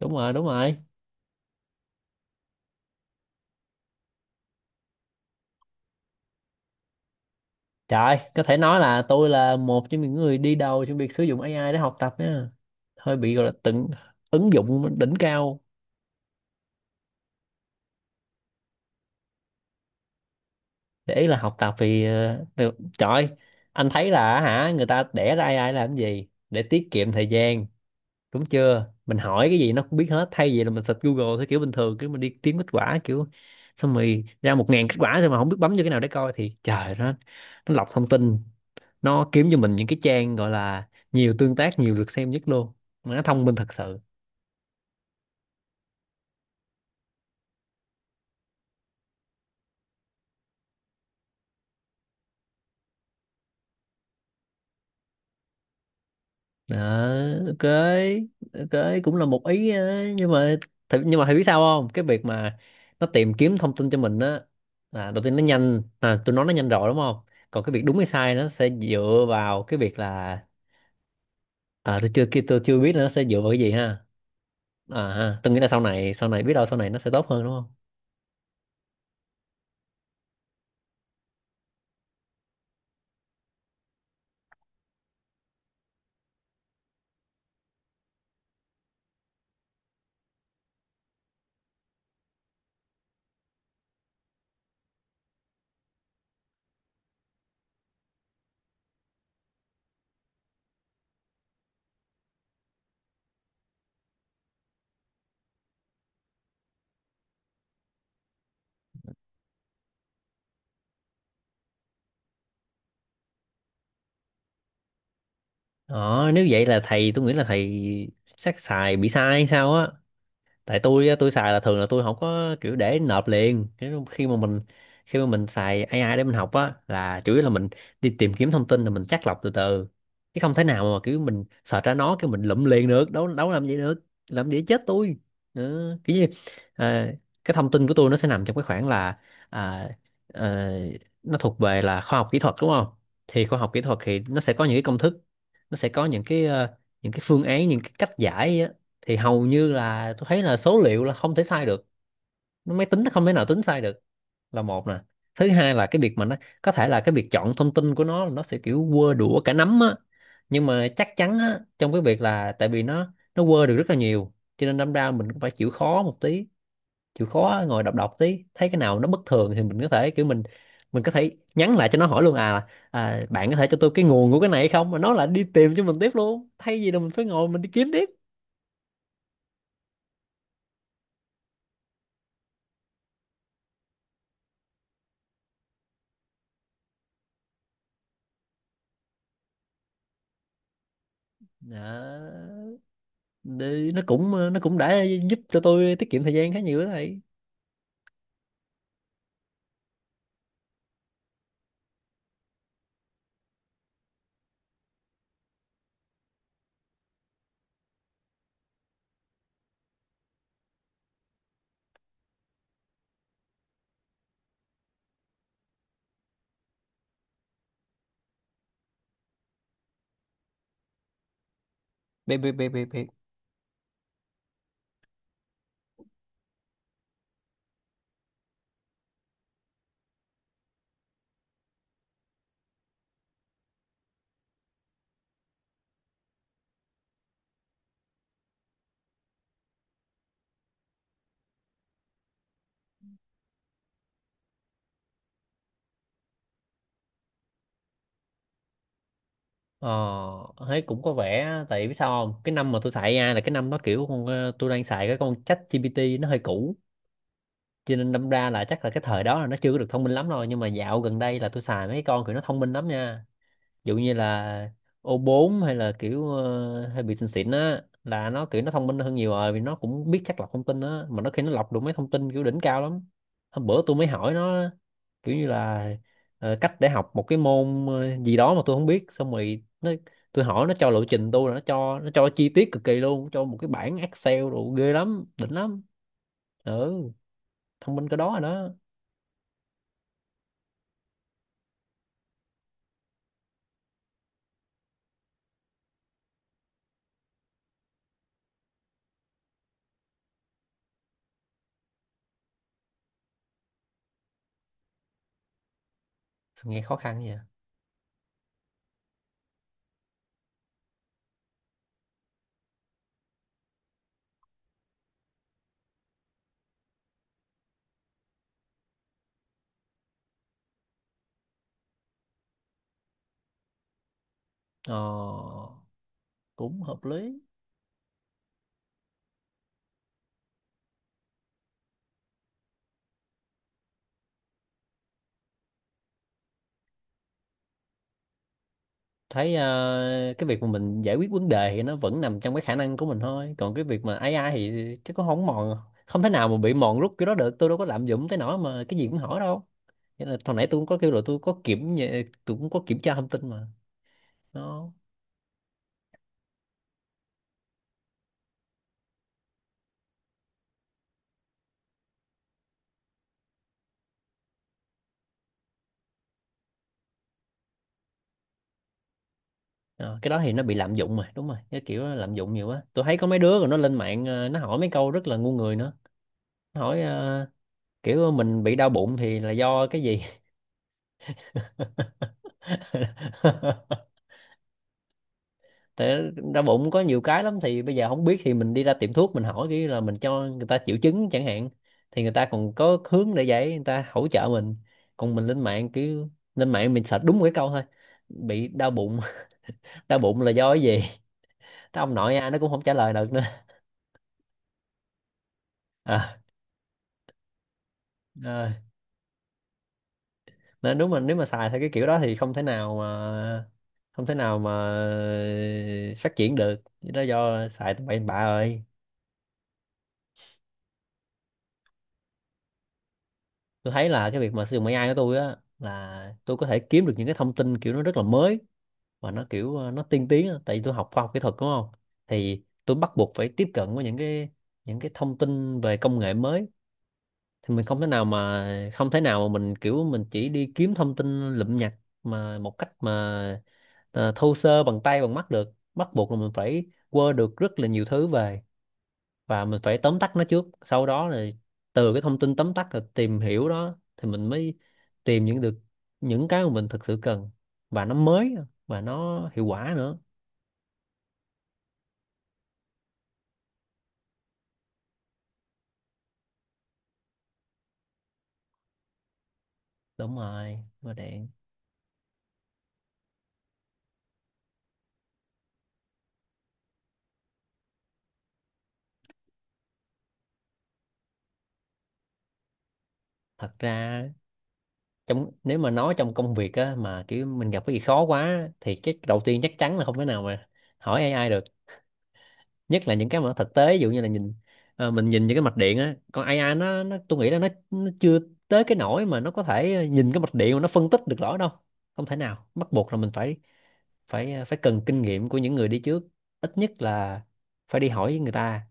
Đúng rồi, đúng rồi. Trời, có thể nói là tôi là một trong những người đi đầu trong việc sử dụng AI để học tập nha. Hơi bị gọi là tận ứng dụng đỉnh cao. Để là học tập thì được trời. Anh thấy là hả, người ta đẻ ra AI làm cái gì? Để tiết kiệm thời gian đúng chưa? Mình hỏi cái gì nó cũng biết hết, thay vì là mình search Google theo kiểu bình thường, kiểu mình đi kiếm kết quả kiểu xong rồi ra 1000 kết quả rồi mà không biết bấm vô cái nào để coi, thì trời, nó lọc thông tin, nó kiếm cho mình những cái trang gọi là nhiều tương tác, nhiều lượt xem nhất luôn, mà nó thông minh thật sự. Đó, ok, ok cũng là một ý, nhưng mà nhưng mà thầy biết sao không, cái việc mà nó tìm kiếm thông tin cho mình á, là đầu tiên nó nhanh, à tôi nói nó nhanh rồi đúng không. Còn cái việc đúng hay sai, nó sẽ dựa vào cái việc là tôi chưa biết là nó sẽ dựa vào cái gì ha. À ha Tôi nghĩ là sau này biết đâu sau này nó sẽ tốt hơn đúng không. Ờ nếu vậy là thầy, tôi nghĩ là thầy chắc xài bị sai hay sao á. Tại tôi á, tôi xài là thường là tôi không có kiểu để nộp liền. Thế nên khi mà mình xài AI để mình học á, là chủ yếu là mình đi tìm kiếm thông tin rồi mình chắt lọc từ từ, chứ không thể nào mà kiểu mình search ra nó cái mình lụm liền được đâu, đâu làm gì được, làm gì chết tôi. Ừ, kiểu như, à, cái thông tin của tôi nó sẽ nằm trong cái khoảng là, à, ờ, nó thuộc về là khoa học kỹ thuật đúng không. Thì khoa học kỹ thuật thì nó sẽ có những cái công thức, nó sẽ có những cái, những cái phương án, những cái cách giải. Thì hầu như là tôi thấy là số liệu là không thể sai được, máy tính nó không thể nào tính sai được, là một nè. Thứ hai là cái việc mà nó có thể là cái việc chọn thông tin của nó sẽ kiểu quơ đũa cả nắm á, nhưng mà chắc chắn á, trong cái việc là tại vì nó quơ được rất là nhiều, cho nên đâm ra mình cũng phải chịu khó một tí, chịu khó ngồi đọc, đọc tí thấy cái nào nó bất thường thì mình có thể kiểu mình có thể nhắn lại cho nó hỏi luôn, à, à bạn có thể cho tôi cái nguồn của cái này hay không, mà nó là đi tìm cho mình tiếp luôn, thay vì là mình phải ngồi mình đi kiếm tiếp đó. Để nó cũng nó cũng đã giúp cho tôi tiết kiệm thời gian khá nhiều đó thầy. Biết biết biết biết biết. ờ Thấy cũng có vẻ, tại biết sao không, cái năm mà tôi xài AI là cái năm nó kiểu con tôi đang xài cái con ChatGPT nó hơi cũ, cho nên đâm ra là chắc là cái thời đó là nó chưa có được thông minh lắm rồi, nhưng mà dạo gần đây là tôi xài mấy con kiểu nó thông minh lắm nha. Dụ như là O4 hay là kiểu hay bị xịn xịn á, là nó kiểu nó thông minh hơn nhiều rồi, vì nó cũng biết chắc lọc thông tin á, mà nó khi nó lọc được mấy thông tin kiểu đỉnh cao lắm. Hôm bữa tôi mới hỏi nó, kiểu như là cách để học một cái môn gì đó mà tôi không biết, xong rồi tôi hỏi nó cho lộ trình tôi, là nó cho, nó cho chi tiết cực kỳ luôn, cho một cái bảng Excel đồ ghê lắm, đỉnh lắm. Ừ, thông minh cái đó rồi đó. Sao nghe khó khăn vậy. Ờ, cũng hợp lý. Thấy cái việc mà mình giải quyết vấn đề thì nó vẫn nằm trong cái khả năng của mình thôi, còn cái việc mà AI thì chắc cũng không mòn, không thể nào mà bị mòn rút cái đó được, tôi đâu có lạm dụng tới nỗi mà cái gì cũng hỏi đâu. Nên là hồi nãy tôi cũng có kêu là tôi có tôi cũng có kiểm tra thông tin mà nó. Ờ, cái đó thì nó bị lạm dụng mà, đúng rồi, cái kiểu đó lạm dụng nhiều quá, tôi thấy có mấy đứa rồi, nó lên mạng nó hỏi mấy câu rất là ngu người nữa. Nó hỏi kiểu mình bị đau bụng thì là do cái gì. Tại đau bụng có nhiều cái lắm, thì bây giờ không biết thì mình đi ra tiệm thuốc mình hỏi, cái là mình cho người ta triệu chứng chẳng hạn, thì người ta còn có hướng để giải, người ta hỗ trợ mình. Còn mình lên mạng cứ lên mạng mình search đúng một cái câu thôi, bị đau bụng, đau bụng là do cái gì, cái ông nội ai nó cũng không trả lời được nữa. à, à, Nên đúng, mình nếu mà xài theo cái kiểu đó thì không thể nào mà không thể nào mà phát triển được. Đó, do xài tụi bậy bạ rồi. Tôi thấy là cái việc mà sử dụng AI của tôi á, là tôi có thể kiếm được những cái thông tin kiểu nó rất là mới, và nó kiểu nó tiên tiến á. Tại vì tôi học khoa học kỹ thuật đúng không. Thì tôi bắt buộc phải tiếp cận với những cái thông tin về công nghệ mới. Thì mình không thể nào mà không thể nào mà mình kiểu mình chỉ đi kiếm thông tin lụm nhặt mà một cách mà thô sơ bằng tay bằng mắt được, bắt buộc là mình phải quơ được rất là nhiều thứ về, và mình phải tóm tắt nó trước, sau đó là từ cái thông tin tóm tắt là tìm hiểu đó, thì mình mới tìm những được những cái mà mình thực sự cần, và nó mới và nó hiệu quả nữa. Đúng rồi mà đạn. Thật ra trong, nếu mà nói trong công việc á, mà kiểu mình gặp cái gì khó quá, thì cái đầu tiên chắc chắn là không thể nào mà hỏi AI được, nhất là những cái mà nó thực tế, ví dụ như là nhìn, mình nhìn những cái mạch điện á, còn AI nó tôi nghĩ là nó chưa tới cái nỗi mà nó có thể nhìn cái mạch điện mà nó phân tích được rõ đâu. Không thể nào, bắt buộc là mình phải phải ờ, phải cần kinh nghiệm của những người đi trước, ít nhất là phải đi hỏi người ta,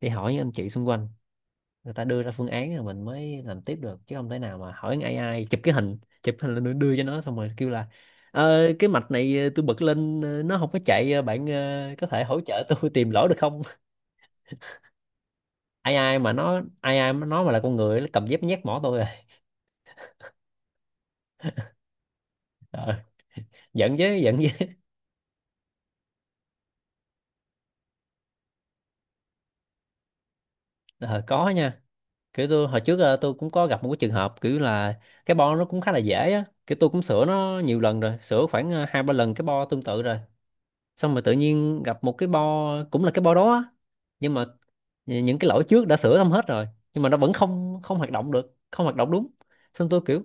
đi hỏi những anh chị xung quanh, người ta đưa ra phương án rồi mình mới làm tiếp được, chứ không thể nào mà hỏi con AI chụp cái hình, chụp hình lên đưa cho nó xong rồi kêu là "Ờ, cái mạch này tôi bật lên nó không có chạy, bạn có thể hỗ trợ tôi tìm lỗi được không". Ai ai mà nó mà là con người, nó cầm dép nhét mỏ tôi rồi. ờ, Giận chứ, giận chứ. Ờ, có nha, kiểu tôi hồi trước tôi cũng có gặp một cái trường hợp kiểu là cái bo nó cũng khá là dễ á, kiểu tôi cũng sửa nó nhiều lần rồi, sửa khoảng 2 3 lần cái bo tương tự rồi, xong rồi tự nhiên gặp một cái bo cũng là cái bo đó á, nhưng mà những cái lỗi trước đã sửa xong hết rồi, nhưng mà nó vẫn không không hoạt động được, không hoạt động đúng. Xong tôi kiểu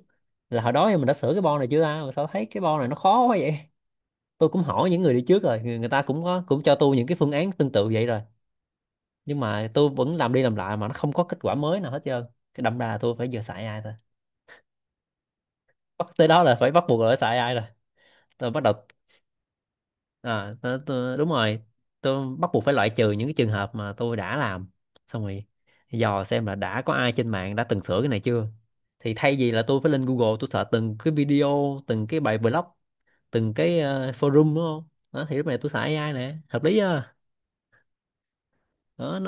là hồi đó thì mình đã sửa cái bo này chưa ta, mà sao thấy cái bo này nó khó quá vậy. Tôi cũng hỏi những người đi trước rồi, người ta cũng có cũng cho tôi những cái phương án tương tự vậy rồi, nhưng mà tôi vẫn làm đi làm lại mà nó không có kết quả mới nào hết trơn. Cái đâm ra là tôi phải giờ xài ai thôi, bắt tới đó là phải, bắt buộc là phải xài ai rồi. Tôi bắt đầu, đúng rồi, tôi bắt buộc phải loại trừ những cái trường hợp mà tôi đã làm xong rồi, dò xem là đã có ai trên mạng đã từng sửa cái này chưa. Thì thay vì là tôi phải lên Google tôi search từng cái video, từng cái bài blog, từng cái forum đúng không đó, thì lúc này tôi xài AI nè, hợp lý chưa đó.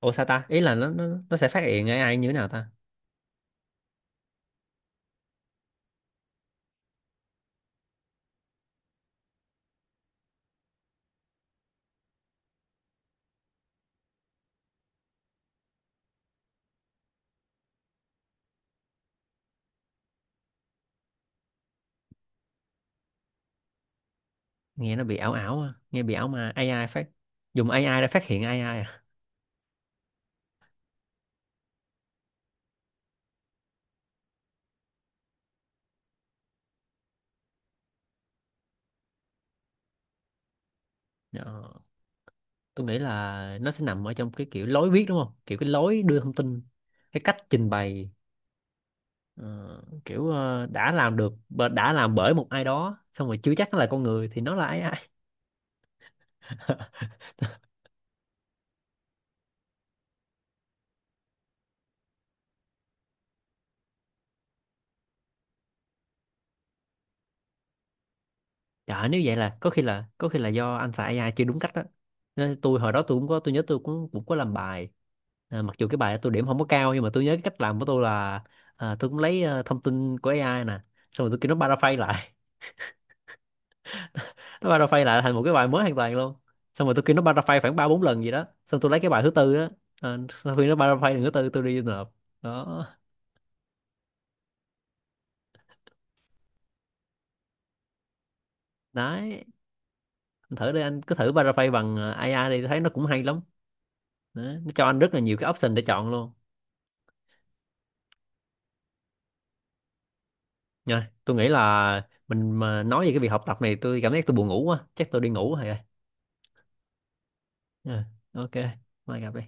Ủa sao ta? Ý là nó nó sẽ phát hiện AI như thế nào ta? Nghe nó bị ảo ảo à, nghe bị ảo mà AI phát, dùng AI để phát hiện AI à. Ờ, tôi nghĩ là nó sẽ nằm ở trong cái kiểu lối viết đúng không? Kiểu cái lối đưa thông tin, cái cách trình bày, ờ, kiểu đã làm bởi một ai đó xong rồi, chưa chắc nó là con người thì nó là AI. Dạ nếu vậy là có khi là do anh xài AI chưa đúng cách đó. Nên tôi hồi đó tôi cũng có, tôi nhớ tôi cũng cũng có làm bài. À, mặc dù cái bài đó tôi điểm không có cao, nhưng mà tôi nhớ cái cách làm của tôi là tôi cũng lấy thông tin của AI nè, xong rồi tôi kêu nó paraphrase lại. Nó paraphrase lại thành một cái bài mới hoàn toàn luôn. Xong rồi tôi kêu nó paraphrase khoảng 3 4 lần gì đó. Xong tôi lấy cái bài thứ tư á, sau khi nó paraphrase lần thứ tư tôi đi nộp. Đó. Đấy, anh thử đi, anh cứ thử paraphrase bằng AI đi, tôi thấy nó cũng hay lắm. Đó. Nó cho anh rất là nhiều cái option để chọn luôn. Rồi, tôi nghĩ là mình mà nói về cái việc học tập này tôi cảm thấy tôi buồn ngủ quá, chắc tôi đi ngủ rồi. Rồi, ok, mai gặp đi.